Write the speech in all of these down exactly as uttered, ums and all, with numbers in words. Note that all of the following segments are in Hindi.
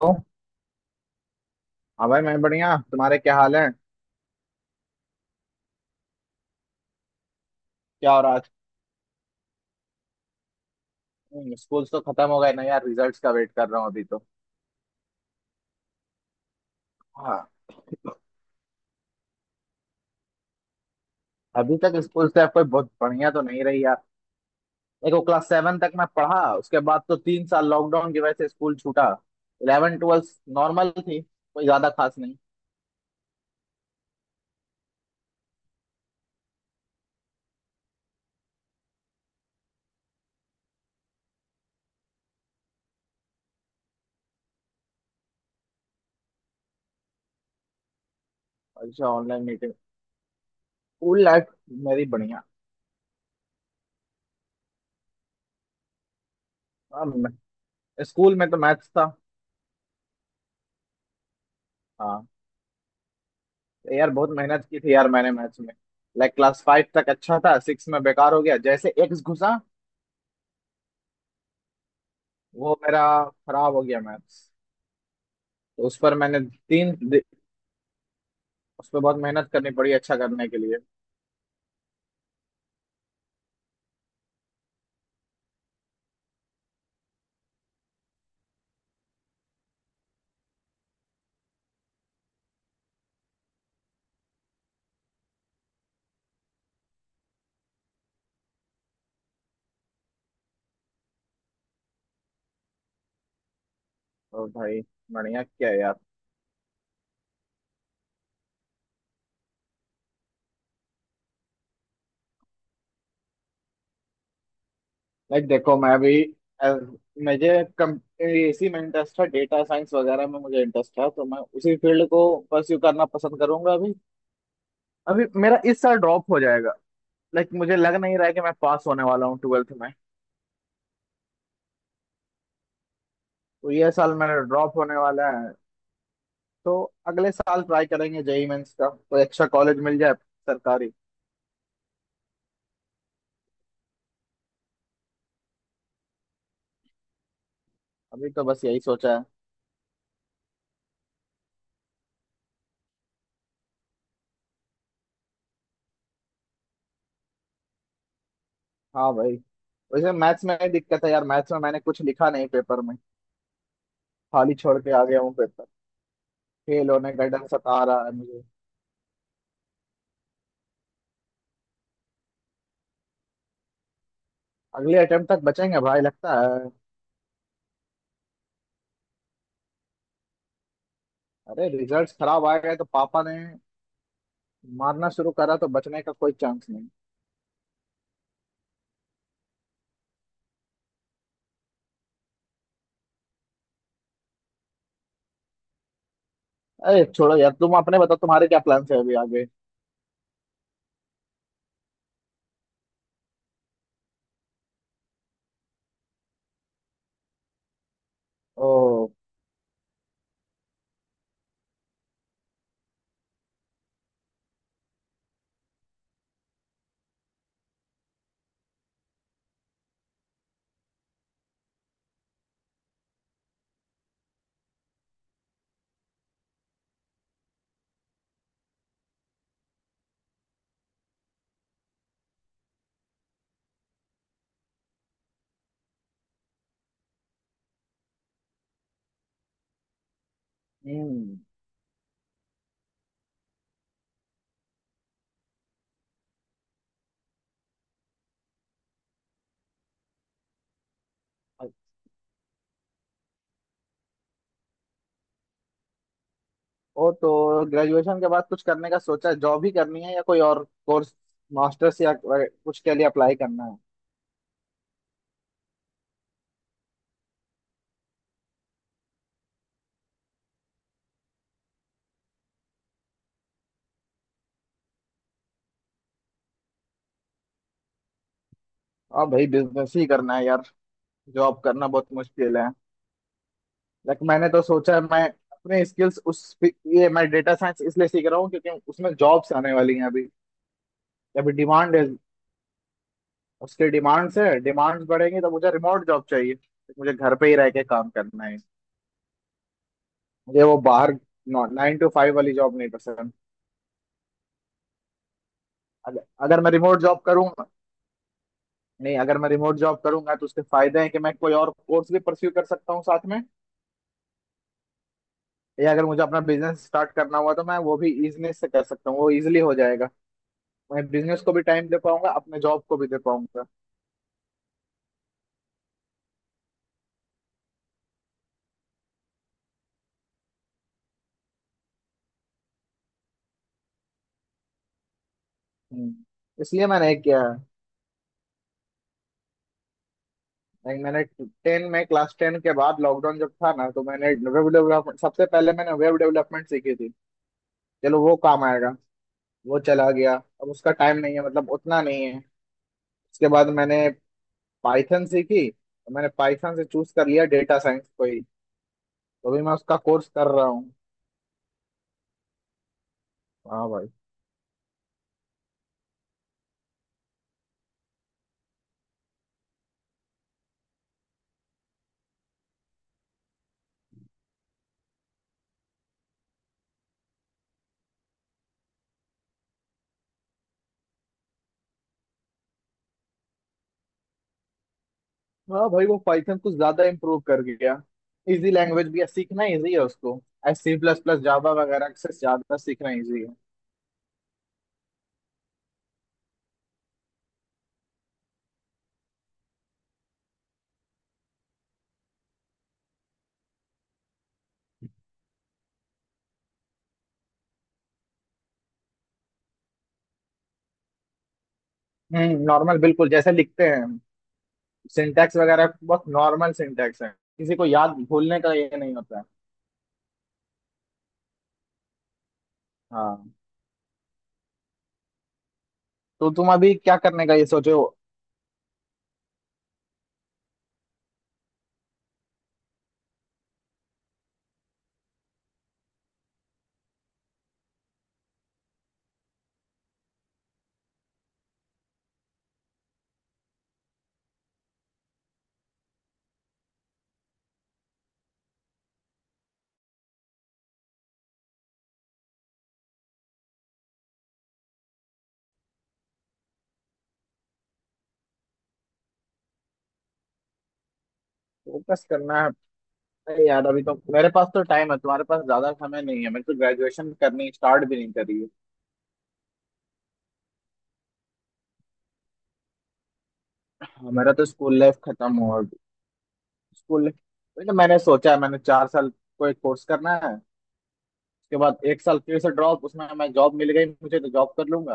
तो हाँ भाई, मैं बढ़िया। तुम्हारे क्या हाल है? क्या हो रहा है आज? हम्म, स्कूल तो खत्म हो गए ना यार, रिजल्ट्स का वेट कर रहा हूँ अभी तो। हाँ। अभी तक स्कूल से कोई बहुत बढ़िया तो नहीं रही यार। देखो, क्लास सेवन तक मैं पढ़ा, उसके बाद तो तीन साल लॉकडाउन की वजह से स्कूल छूटा। इलेवन ट्वेल्थ नॉर्मल थी, कोई ज्यादा खास नहीं। अच्छा, ऑनलाइन मीटिंग, स्कूल लाइफ मेरी बढ़िया। हाँ, मैं- स्कूल में तो मैथ्स था। हाँ, तो यार बहुत मेहनत की थी यार मैंने मैथ्स में। लाइक क्लास फाइव तक अच्छा था, सिक्स में बेकार हो गया, जैसे एक्स घुसा, वो मेरा खराब हो गया मैथ्स। तो उस पर मैंने तीन दि- उस पर बहुत मेहनत करनी पड़ी अच्छा करने के लिए। और भाई, बढ़िया क्या है यार। लाइक देखो, मैं भी अ, मुझे कम ए- इसी में इंटरेस्ट था, डेटा साइंस वगैरह में मुझे इंटरेस्ट था, तो मैं उसी फील्ड को परस्यू करना पसंद करूंगा अभी। अभी मेरा इस साल ड्रॉप हो जाएगा, लाइक मुझे लग नहीं रहा है कि मैं पास होने वाला हूँ ट्वेल्थ में। तो ये साल मेरा ड्रॉप होने वाला है। तो अगले साल ट्राई करेंगे जे ई मेंस का, कोई अच्छा कॉलेज मिल जाए सरकारी। अभी तो बस यही सोचा है। हाँ भाई। वैसे मैथ्स में दिक्कत है यार, मैथ्स में मैंने कुछ लिखा नहीं पेपर में, खाली छोड़ के आ गया हूँ पेपर। फेल होने का डर सता रहा है मुझे। अगले अटेम्प्ट तक बचेंगे भाई लगता है। अरे, रिजल्ट्स खराब आ गए तो पापा ने मारना शुरू करा, तो बचने का कोई चांस नहीं। अरे छोड़ो यार, तुम अपने बताओ, तुम्हारे क्या प्लान्स है अभी आगे। ओ। हम्म। ओ, तो ग्रेजुएशन के बाद कुछ करने का सोचा है? जॉब ही करनी है या कोई और कोर्स, मास्टर्स या कुछ के लिए अप्लाई करना है? हाँ भाई, बिजनेस ही करना है यार। जॉब करना बहुत मुश्किल है। लेकिन मैंने तो सोचा है, मैं अपने स्किल्स उस ये मैं डेटा साइंस इसलिए सीख रहा हूँ क्योंकि उसमें जॉब्स आने वाली हैं अभी। अभी डिमांड है। उसके डिमांड्स है, डिमांड्स बढ़ेंगी तो मुझे रिमोट जॉब चाहिए, तो मुझे घर पे ही रह के काम करना है। मुझे वो बाहर नाइन टू फाइव वाली जॉब नहीं पसंद। अगर अगर मैं रिमोट जॉब करूंगा। नहीं, अगर मैं रिमोट जॉब करूंगा तो उसके फायदे हैं कि मैं कोई और कोर्स भी परस्यू कर सकता हूँ साथ में, या अगर मुझे अपना बिजनेस स्टार्ट करना हुआ तो मैं वो भी इजनेस से कर सकता हूँ, वो इजिली हो जाएगा। मैं बिजनेस को भी टाइम दे पाऊंगा, अपने जॉब को भी दे पाऊंगा। हम्म। इसलिए मैंने एक किया है, लाइक मैंने टेन में क्लास टेन के बाद लॉकडाउन जब था ना, तो मैंने वेब डेवलपमेंट सबसे पहले मैंने वेब डेवलपमेंट सीखी थी। चलो वो काम आएगा। वो चला गया। अब उसका टाइम नहीं है, मतलब उतना नहीं है। उसके बाद मैंने पाइथन सीखी, तो मैंने पाइथन से चूज कर लिया डेटा साइंस को ही। तो अभी मैं उसका कोर्स कर रहा हूँ। हाँ भाई। हाँ भाई, वो पाइथन कुछ ज्यादा इम्प्रूव कर गया। इजी लैंग्वेज भी है, सीखना इजी है उसको। S C plus plus Java वगैरह से ज्यादा सीखना इजी है। हम्म नॉर्मल, बिल्कुल जैसे लिखते हैं। सिंटैक्स वगैरह बहुत नॉर्मल सिंटैक्स है। किसी को याद भूलने का ये नहीं होता है। हाँ, तो तुम अभी क्या करने का ये सोचे हो? फोकस करना है। अरे यार, अभी तो मेरे पास तो टाइम है, तुम्हारे पास ज्यादा समय नहीं है, मैंने तो ग्रेजुएशन करनी स्टार्ट भी नहीं करी है। हाँ, मेरा तो स्कूल लाइफ खत्म हुआ। स्कूल लाइफ मैंने सोचा है, मैंने चार साल कोई कोर्स करना है। उसके बाद एक साल फिर से ड्रॉप, उसमें मैं जॉब मिल गई मुझे तो जॉब कर लूंगा,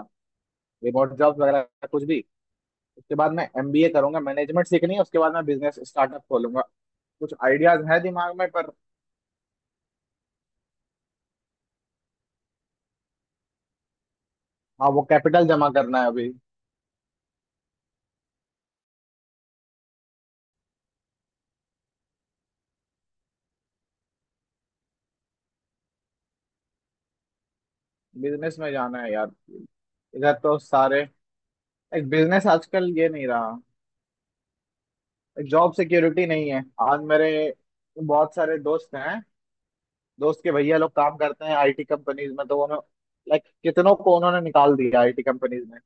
रिमोट जॉब वगैरह कुछ भी। उसके बाद मैं एम बी ए करूंगा, मैनेजमेंट सीखनी है, उसके बाद मैं बिजनेस स्टार्टअप खोलूंगा। कुछ आइडियाज है दिमाग में पर। हाँ, वो कैपिटल जमा करना है अभी। बिजनेस में जाना है यार। इधर तो सारे एक बिजनेस आजकल ये नहीं रहा, एक जॉब सिक्योरिटी नहीं है। आज मेरे बहुत सारे दोस्त हैं, दोस्त के भैया लोग काम करते हैं आई टी कंपनीज में, तो उन्होंने लाइक कितनों को उन्होंने निकाल दिया आई टी कंपनीज में।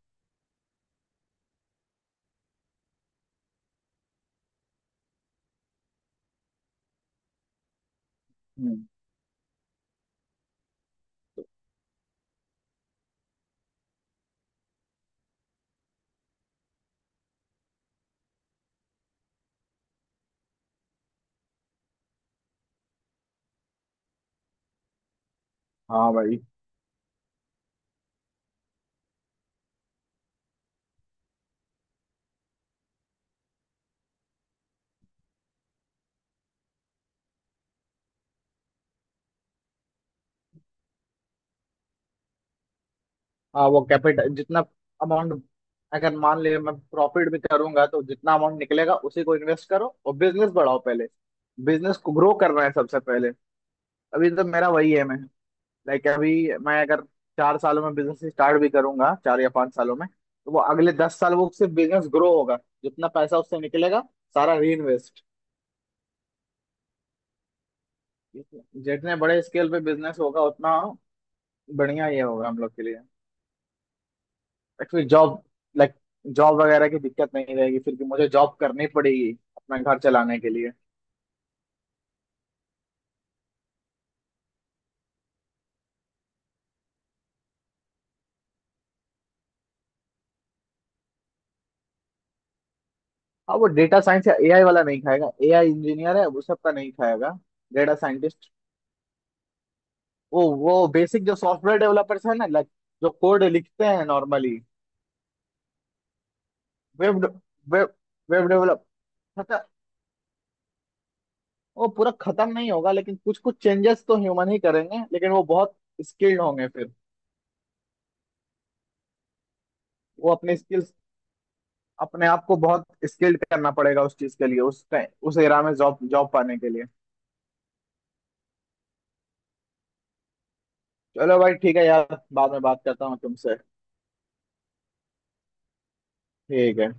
हम्म। हाँ भाई। हाँ, वो कैपिटल जितना अमाउंट, अगर मान ले मैं प्रॉफिट भी करूंगा तो जितना अमाउंट निकलेगा उसी को इन्वेस्ट करो और बिजनेस बढ़ाओ पहले। बिजनेस को ग्रो करना है सबसे पहले। अभी तो मेरा वही है। मैं लाइक अभी मैं अगर चार सालों में बिजनेस स्टार्ट भी करूंगा, चार या पांच सालों में, तो वो अगले दस साल वो सिर्फ बिजनेस ग्रो होगा। जितना पैसा उससे निकलेगा सारा रीइन्वेस्ट। जितने बड़े स्केल पे बिजनेस होगा उतना बढ़िया ये होगा हम लोग के लिए। फिर जॉब लाइक जॉब वगैरह की दिक्कत नहीं रहेगी, फिर भी मुझे जॉब करनी पड़ेगी अपना घर चलाने के लिए। हाँ, वो डेटा साइंस या ए आई वाला नहीं खाएगा, ए आई इंजीनियर है वो सबका नहीं खाएगा, डेटा साइंटिस्ट। वो वो बेसिक जो सॉफ्टवेयर डेवलपर्स है ना, लाइक जो कोड लिखते हैं normally. Web web web develop खत्म। वो पूरा खत्म नहीं होगा लेकिन कुछ कुछ चेंजेस तो ह्यूमन ही करेंगे, लेकिन वो बहुत स्किल्ड होंगे फिर। वो अपने स्किल्स अपने आप को बहुत स्किल्ड करना पड़ेगा उस चीज के लिए, उस टाइम उस एरा में जॉब जॉब पाने के लिए। चलो भाई, ठीक है यार, बाद में बात करता हूँ तुमसे। ठीक है।